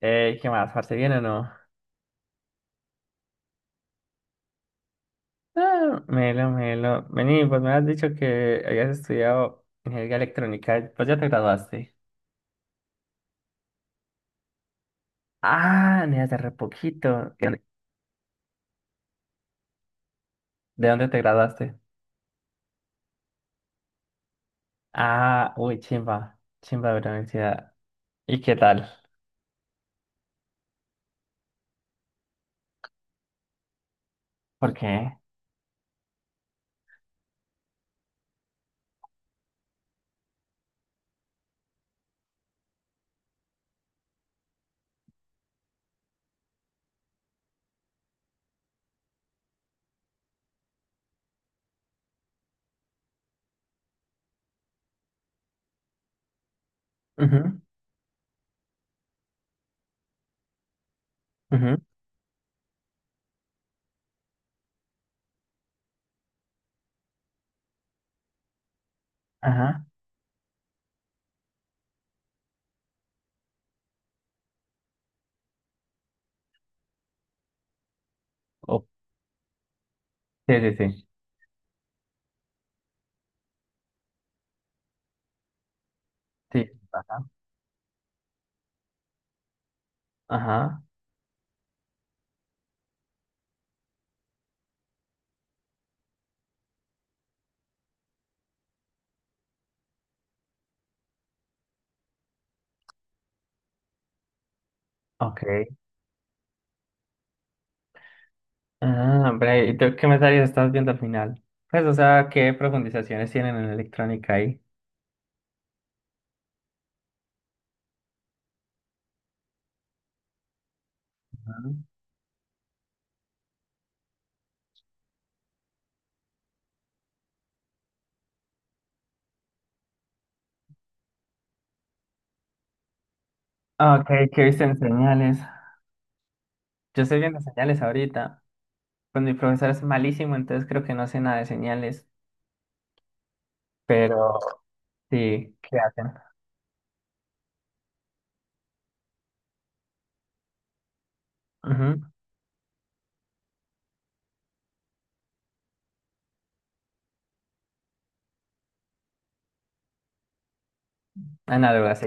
¿Qué más? ¿Parce bien o no? Ah, melo, melo. Vení, pues me has dicho que habías estudiado ingeniería electrónica. Pues ya te graduaste. Ah, ni hace re poquito. ¿De dónde de dónde te graduaste? Ah, uy, chimba. Chimba de la universidad. ¿Y qué tal? ¿Por qué? Ujú, ujú. Ajá. Oh, sí, sí, sí. Sí. Ajá. Ok. Ah, hombre, ¿y tú qué materias estás viendo al final? Pues, o sea, ¿qué profundizaciones tienen en electrónica ahí? Ah, ok, ¿qué viste en señales? Yo estoy viendo señales ahorita. Pues mi profesor es malísimo, entonces creo que no sé nada de señales. Pero sí, ¿qué hacen? Ujú. Análogo así.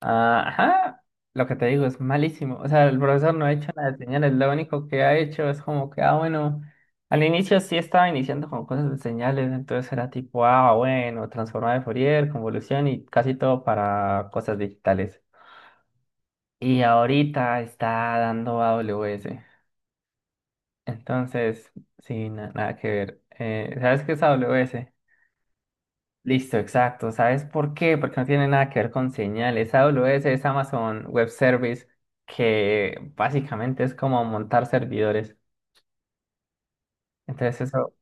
Ah, ajá. Lo que te digo es malísimo. O sea, el profesor no ha hecho nada de señales. Lo único que ha hecho es como que, ah, bueno, al inicio sí estaba iniciando con cosas de señales. Entonces era tipo, ah, bueno, transformada de Fourier, convolución y casi todo para cosas digitales. Y ahorita está dando AWS. Entonces, sí, nada que ver. ¿Sabes qué es AWS? Listo, exacto. ¿Sabes por qué? Porque no tiene nada que ver con señales. AWS es Amazon Web Service, que básicamente es como montar servidores. Entonces, eso.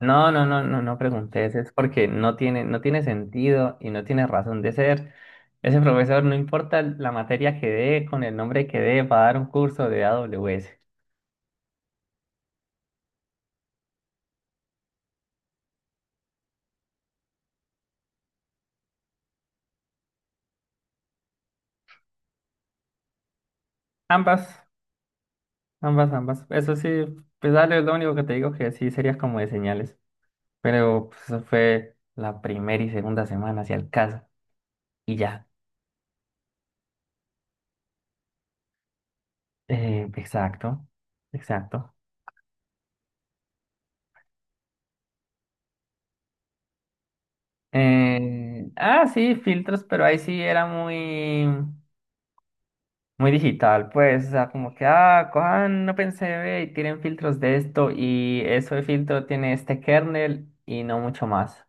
No, no, no, no, no preguntes. Es porque no tiene sentido y no tiene razón de ser. Ese profesor, no importa la materia que dé, con el nombre que dé, va a dar un curso de AWS. Ambas. Ambas, ambas. Eso sí, pues dale, es lo único que te digo que sí serías como de señales. Pero pues, eso fue la primera y segunda semana, hacia el caso. Y ya. Exacto, exacto. Ah, sí, filtros, pero ahí sí era muy, muy digital, pues. O sea, como que, ah, cojan, no pensé, ve, y tienen filtros de esto. Y eso de filtro tiene este kernel y no mucho más.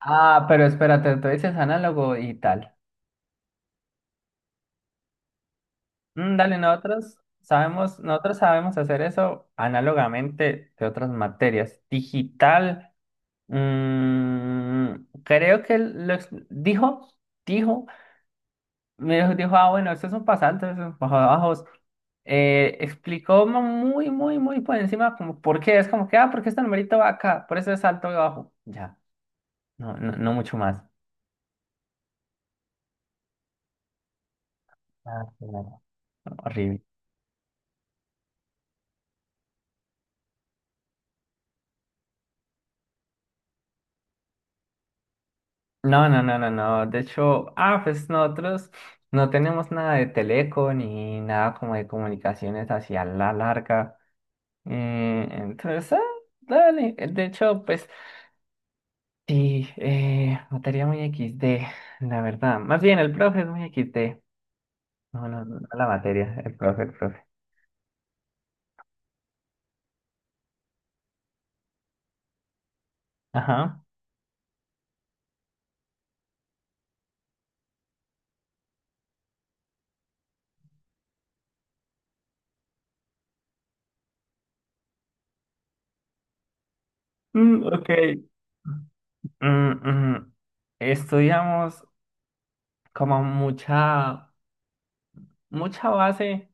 Ah, pero espérate, tú dices análogo y tal. Dale, nosotros sabemos hacer eso análogamente de otras materias. Digital, mm, creo que dijo, me dijo, ah, bueno, estos son pasantes, estos son bajo bajos. Explicó muy, muy, muy por encima, como por qué, es como que, ah, porque este numerito va acá, por eso es alto y bajo. Ya, no, no, no mucho más. Ah, claro. Horrible. No, no, no, no, no. De hecho, ah, pues nosotros no tenemos nada de teleco ni nada como de comunicaciones hacia la larga. Entonces, ah, dale. De hecho, pues sí, materia muy equis de, la verdad. Más bien, el profe es muy equis de. No, no, no no la materia, el profe, el profe. Ajá. Mm, ok. Mm, mm. Estudiamos como mucha, mucha base.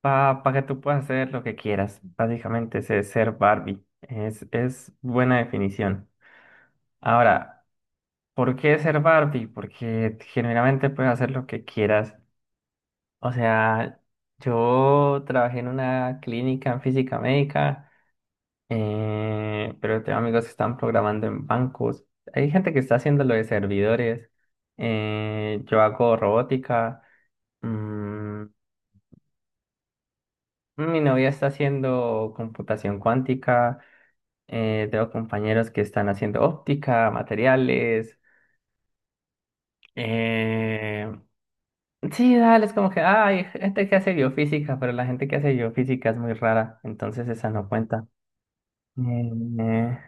Para que tú puedas hacer lo que quieras. Básicamente ese es ser Barbie. Es buena definición. Ahora, ¿por qué ser Barbie? Porque generalmente puedes hacer lo que quieras. O sea, yo trabajé en una clínica en física médica, pero tengo amigos que están programando en bancos. Hay gente que está haciendo lo de servidores. Yo hago robótica. Mm, Mi novia está haciendo computación cuántica. Tengo compañeros que están haciendo óptica, materiales. Eh, sí, dale, es como que ah, hay gente que hace biofísica, pero la gente que hace biofísica es muy rara, entonces esa no cuenta. Eh,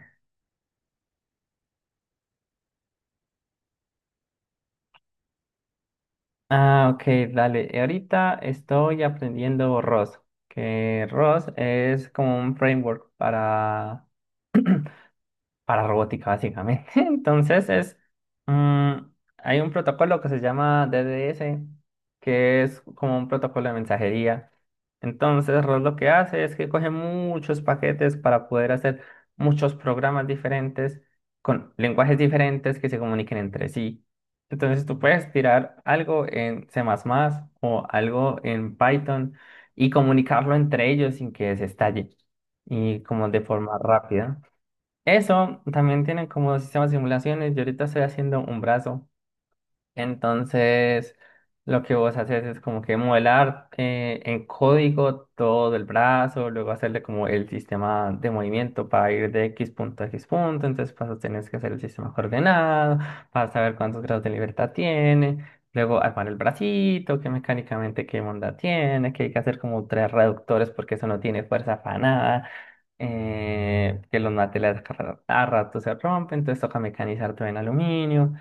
ah, ok, dale. Ahorita estoy aprendiendo ROS, que ROS es como un framework para robótica, básicamente. Entonces mm, hay un protocolo que se llama DDS, que es como un protocolo de mensajería. Entonces, Ross lo que hace es que coge muchos paquetes para poder hacer muchos programas diferentes con lenguajes diferentes que se comuniquen entre sí. Entonces, tú puedes tirar algo en C++ o algo en Python y comunicarlo entre ellos sin que se estalle y como de forma rápida. Eso también tiene como sistema de simulaciones. Yo ahorita estoy haciendo un brazo. Entonces, lo que vos haces es como que modelar en código todo el brazo, luego hacerle como el sistema de movimiento para ir de X punto a X punto, entonces vas a tener que hacer el sistema coordenado, para saber cuántos grados de libertad tiene, luego armar el bracito, qué mecánicamente qué onda tiene, que hay que hacer como tres reductores porque eso no tiene fuerza para nada. Que los materiales a rato se rompen, entonces toca mecanizar todo en aluminio.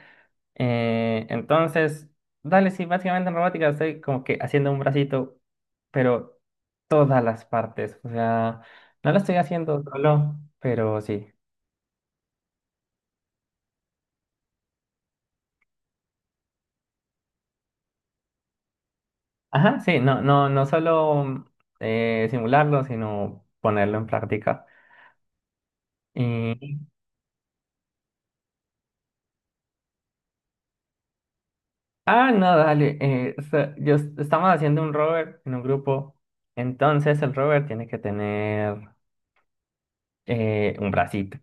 Entonces, dale, sí, básicamente en robótica estoy como que haciendo un bracito, pero todas las partes. O sea, no lo estoy haciendo solo, pero sí. Ajá, sí, no, no, no solo simularlo, sino ponerlo en práctica. Y- Ah, no, dale. Estamos haciendo un rover en un grupo. Entonces el rover tiene que tener un bracito.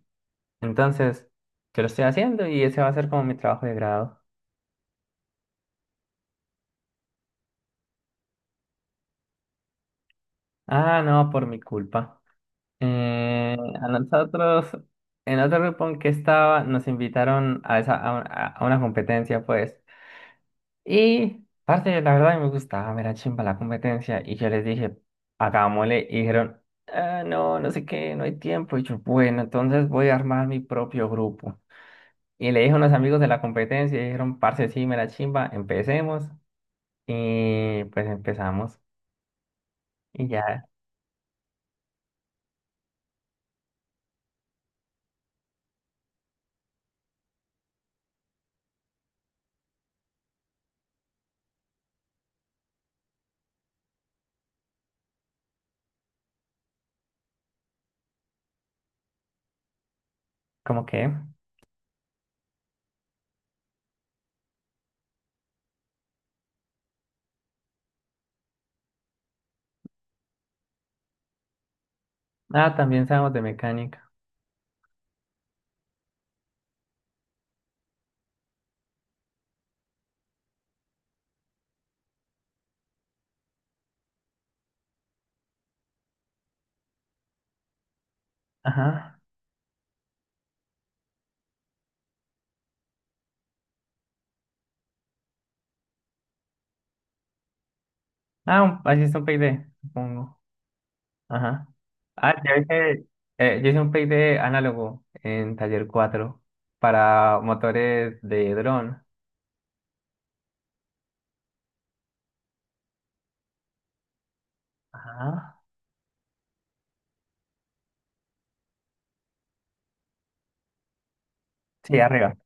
Entonces, yo lo estoy haciendo y ese va a ser como mi trabajo de grado. Ah, no, por mi culpa. Eh, a nosotros, en otro grupo en que estaba, nos invitaron a, esa, a una competencia, pues. Y, parte, la verdad, me gustaba, me era chimba la competencia. Y yo les dije, hagámosle. Y dijeron, ah, no, no sé qué, no hay tiempo. Y yo, bueno, entonces voy a armar mi propio grupo. Y le dije a unos amigos de la competencia, y dijeron, parce, sí, me la chimba, empecemos. Y pues empezamos. Y ya, como que, ah, también sabemos de mecánica. Ajá. Ah, así es un PID, supongo. Ajá. Ah, yo hice un PID análogo en taller 4 para motores de dron. Ajá. Sí, arriba.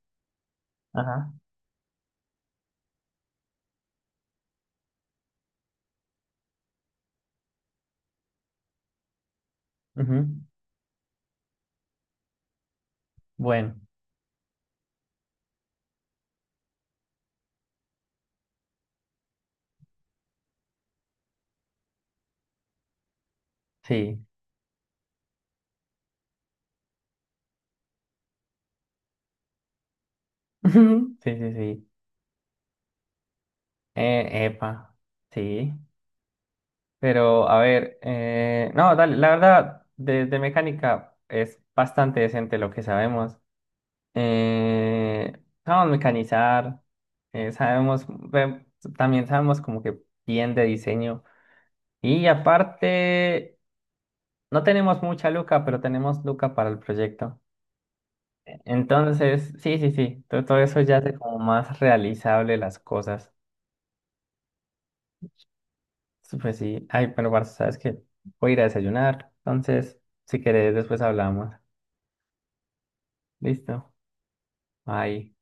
Ajá. Ujú. Bueno, sí. Ujú. Sí, sí, sí. Epa. Sí. Pero, a ver, no, dale, la verdad, de, mecánica es bastante decente lo que sabemos. Eh, Sabemos mecanizar, eh, sabemos, ve- también sabemos como que bien de diseño. Y aparte, no tenemos mucha luca, pero tenemos luca para el proyecto. Entonces, sí, sí, sí, todo, eso ya hace como más realizable las cosas. Sí, pues sí, ay, pero Barça, sabes que voy a ir a desayunar. Entonces, si querés, después hablamos. Listo, bye.